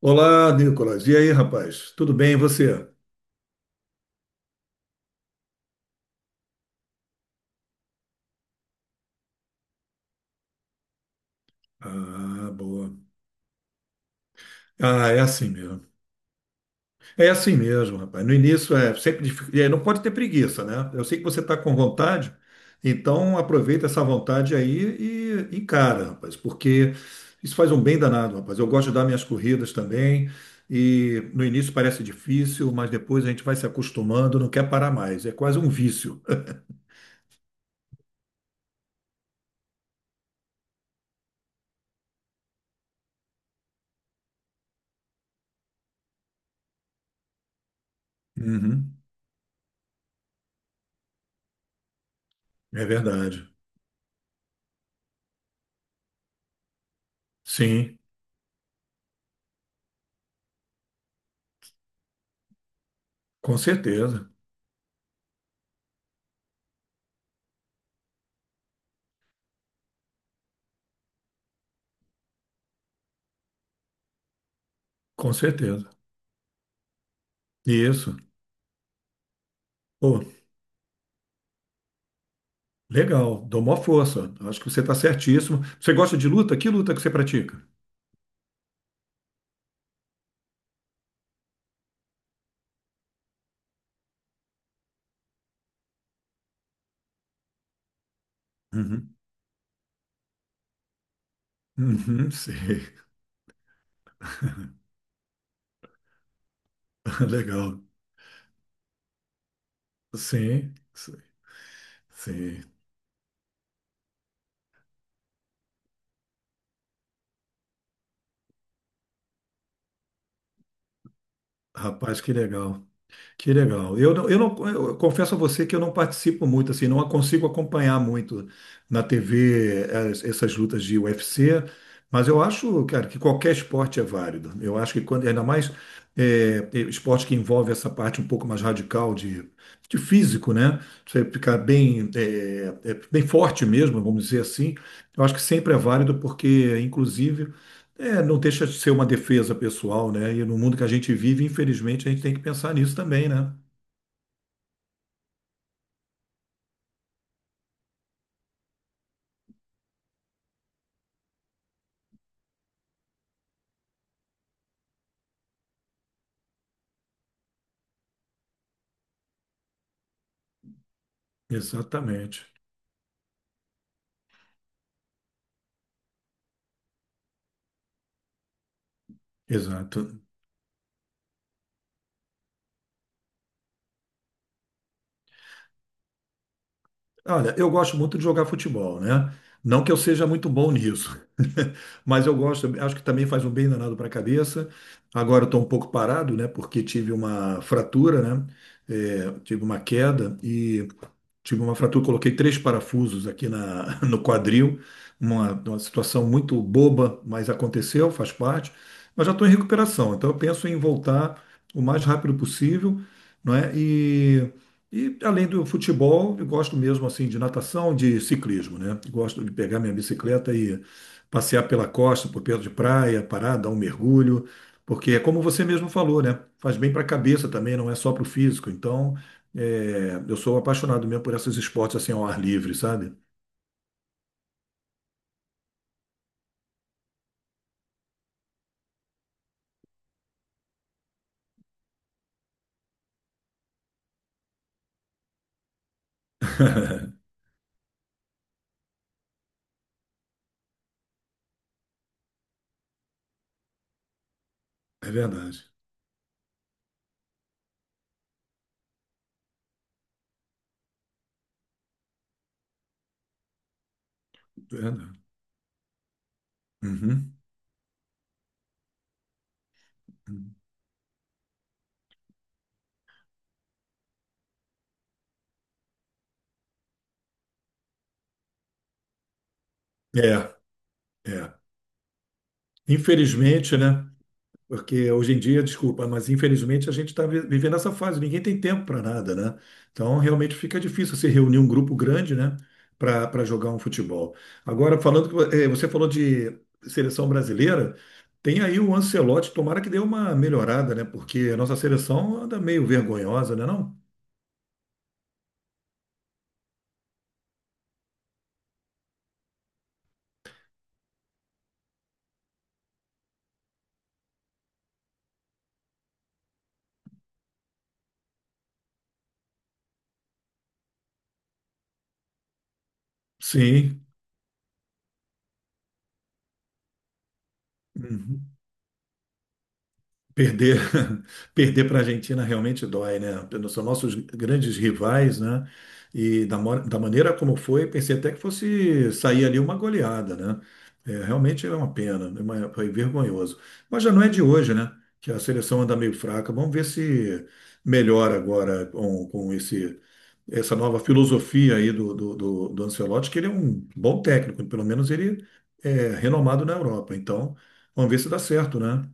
Olá, Nicolas. E aí, rapaz? Tudo bem, e você? Ah, boa. Ah, é assim mesmo. É assim mesmo, rapaz. No início é sempre é, não pode ter preguiça, né? Eu sei que você está com vontade, então aproveita essa vontade aí e encara, rapaz, porque isso faz um bem danado, rapaz. Eu gosto de dar minhas corridas também, e no início parece difícil, mas depois a gente vai se acostumando, não quer parar mais. É quase um vício. Uhum, é verdade. Sim, com certeza. Com certeza. Isso. Pô, legal. Dou maior força. Acho que você está certíssimo. Você gosta de luta? Que luta que você pratica? Uhum. Uhum, sei. Legal. Sim, sim. Sim. Rapaz, que legal. Que legal. Eu, eu não, eu confesso a você que eu não participo muito, assim, não consigo acompanhar muito na TV essas lutas de UFC, mas eu acho, cara, que qualquer esporte é válido. Eu acho que quando, ainda mais é, esporte que envolve essa parte um pouco mais radical de físico, né? Você ficar bem, bem forte mesmo, vamos dizer assim. Eu acho que sempre é válido porque, inclusive é, não deixa de ser uma defesa pessoal, né? E no mundo que a gente vive, infelizmente, a gente tem que pensar nisso também, né? Exatamente. Exato. Olha, eu gosto muito de jogar futebol, né? Não que eu seja muito bom nisso, mas eu gosto, acho que também faz um bem danado para a cabeça. Agora eu estou um pouco parado, né? Porque tive uma fratura, né? É, tive uma queda e tive uma fratura, coloquei três parafusos aqui na, no quadril, uma situação muito boba, mas aconteceu, faz parte. Mas já estou em recuperação, então eu penso em voltar o mais rápido possível, não é? E além do futebol, eu gosto mesmo assim de natação, de ciclismo, né? Gosto de pegar minha bicicleta e passear pela costa, por perto de praia, parar, dar um mergulho, porque é como você mesmo falou, né? Faz bem para a cabeça também, não é só para o físico. Então é, eu sou apaixonado mesmo por esses esportes assim ao ar livre, sabe? É verdade, é verdade. Uhum. Uhum. É, é. Infelizmente, né? Porque hoje em dia, desculpa, mas infelizmente a gente está vivendo essa fase, ninguém tem tempo para nada, né? Então realmente fica difícil se reunir um grupo grande, né? Para jogar um futebol. Agora, falando que você falou de seleção brasileira, tem aí o Ancelotti, tomara que dê uma melhorada, né? Porque a nossa seleção anda meio vergonhosa, né? Não? Sim, uhum. Perder perder para a Argentina realmente dói, né? São nossos grandes rivais, né? E da maneira como foi, pensei até que fosse sair ali uma goleada, né? É, realmente é uma pena, é foi vergonhoso. Mas já não é de hoje, né? Que a seleção anda meio fraca. Vamos ver se melhora agora com esse essa nova filosofia aí do Ancelotti, que ele é um bom técnico, pelo menos ele é renomado na Europa. Então, vamos ver se dá certo, né?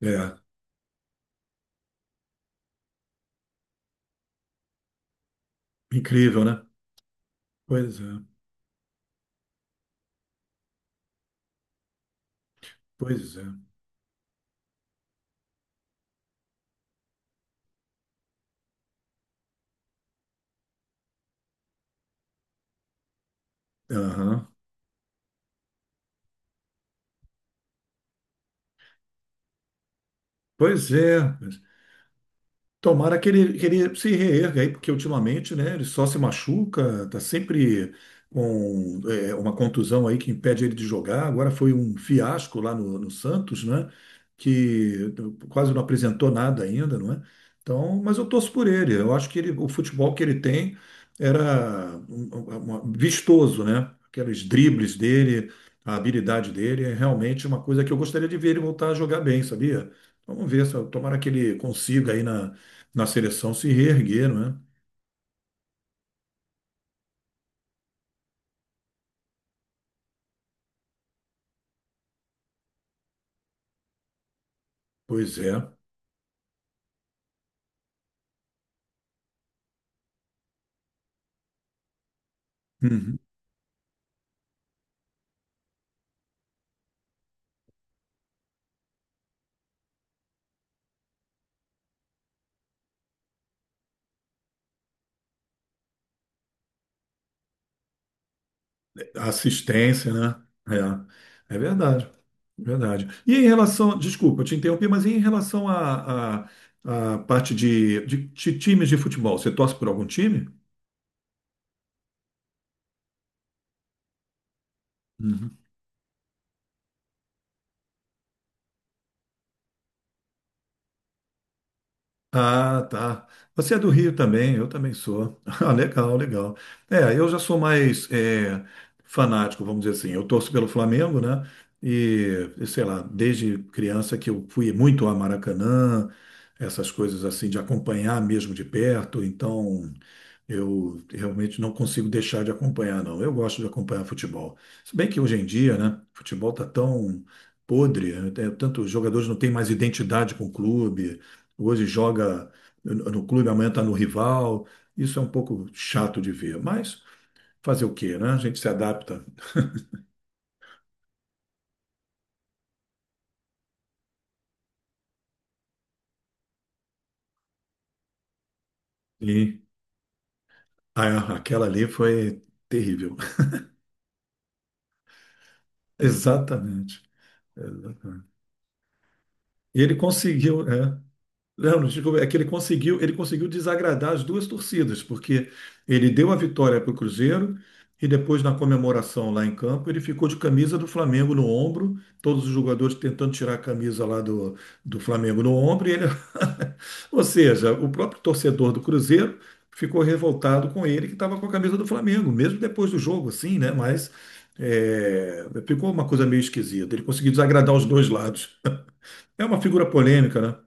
É, incrível, né? Pois é, pois é. Aham. Pois é. Tomara que ele se reerga aí, porque ultimamente, né, ele só se machuca, tá sempre com é, uma contusão aí que impede ele de jogar. Agora foi um fiasco lá no Santos, né, que quase não apresentou nada ainda, não é? Então, mas eu torço por ele. Eu acho que ele, o futebol que ele tem era vistoso, né? Aqueles dribles dele, a habilidade dele é realmente uma coisa que eu gostaria de ver ele voltar a jogar bem, sabia? Vamos ver, tomara que ele consiga aí na seleção se reergueram, né? Pois é. Uhum. Assistência, né? É, é verdade. Verdade. E em relação, desculpa, eu te interrompi, mas e em relação à parte de, de times de futebol, você torce por algum time? Uhum. Ah, tá. Você é do Rio também, eu também sou. Ah, legal, legal. É, eu já sou mais é, fanático, vamos dizer assim. Eu torço pelo Flamengo, né? E sei lá, desde criança que eu fui muito a Maracanã, essas coisas assim, de acompanhar mesmo de perto. Então, eu realmente não consigo deixar de acompanhar, não. Eu gosto de acompanhar futebol. Se bem que hoje em dia, né, futebol tá tão podre, né? Tanto os jogadores não têm mais identidade com o clube. Hoje joga no clube, amanhã está no rival. Isso é um pouco chato de ver, mas fazer o quê, né? A gente se adapta. E aquela ali foi terrível. Exatamente. Exatamente. E ele conseguiu, é. Não, é que ele conseguiu desagradar as duas torcidas, porque ele deu a vitória para o Cruzeiro e depois, na comemoração lá em campo, ele ficou de camisa do Flamengo no ombro, todos os jogadores tentando tirar a camisa lá do Flamengo no ombro, e ele... Ou seja, o próprio torcedor do Cruzeiro ficou revoltado com ele, que estava com a camisa do Flamengo, mesmo depois do jogo, assim, né? Mas é, ficou uma coisa meio esquisita. Ele conseguiu desagradar os dois lados. É uma figura polêmica, né?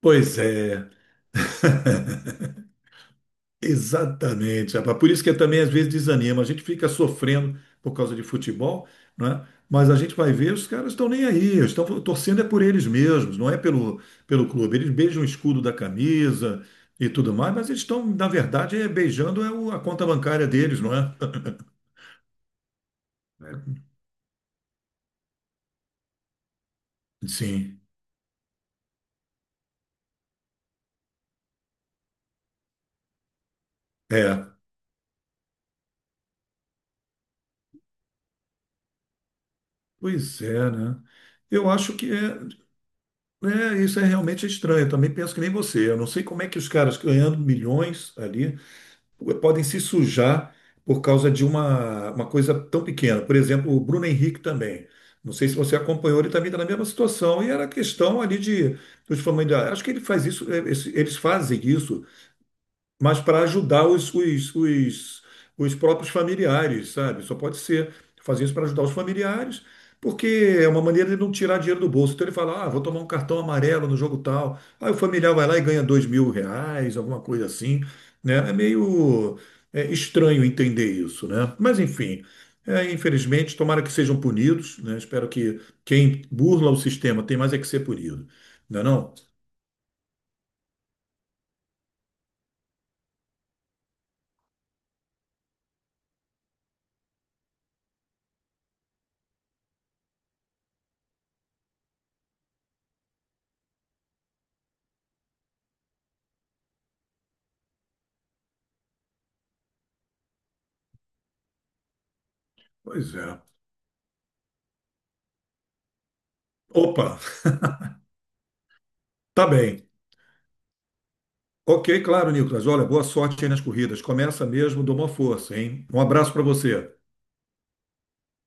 Pois é. Exatamente, rapaz. Por isso que também às vezes desanima. A gente fica sofrendo por causa de futebol, né? Mas a gente vai ver, os caras estão nem aí, estão torcendo é por eles mesmos, não é pelo clube. Eles beijam o escudo da camisa e tudo mais, mas eles estão, na verdade, é, beijando é a conta bancária deles, não é? Sim, é. Pois é, né? Eu acho que é, é, isso é realmente estranho. Eu também penso que nem você. Eu não sei como é que os caras ganhando milhões ali podem se sujar por causa de uma coisa tão pequena. Por exemplo, o Bruno Henrique também. Não sei se você acompanhou, ele também está na mesma situação. E era questão ali de dos familiares. Acho que ele faz isso, eles fazem isso mas para ajudar os próprios familiares, sabe? Só pode ser fazer isso para ajudar os familiares, porque é uma maneira de não tirar dinheiro do bolso. Então ele fala, ah, vou tomar um cartão amarelo no jogo tal. Aí o familiar vai lá e ganha 2.000 reais, alguma coisa assim, né? É meio é, estranho entender isso, né? Mas enfim. É, infelizmente, tomara que sejam punidos, né? Espero que quem burla o sistema tem mais é que ser punido, não é não? Pois é. Opa, tá bem. Ok, claro, Nicolas. Olha, boa sorte aí nas corridas. Começa mesmo, dou uma força, hein? Um abraço para você.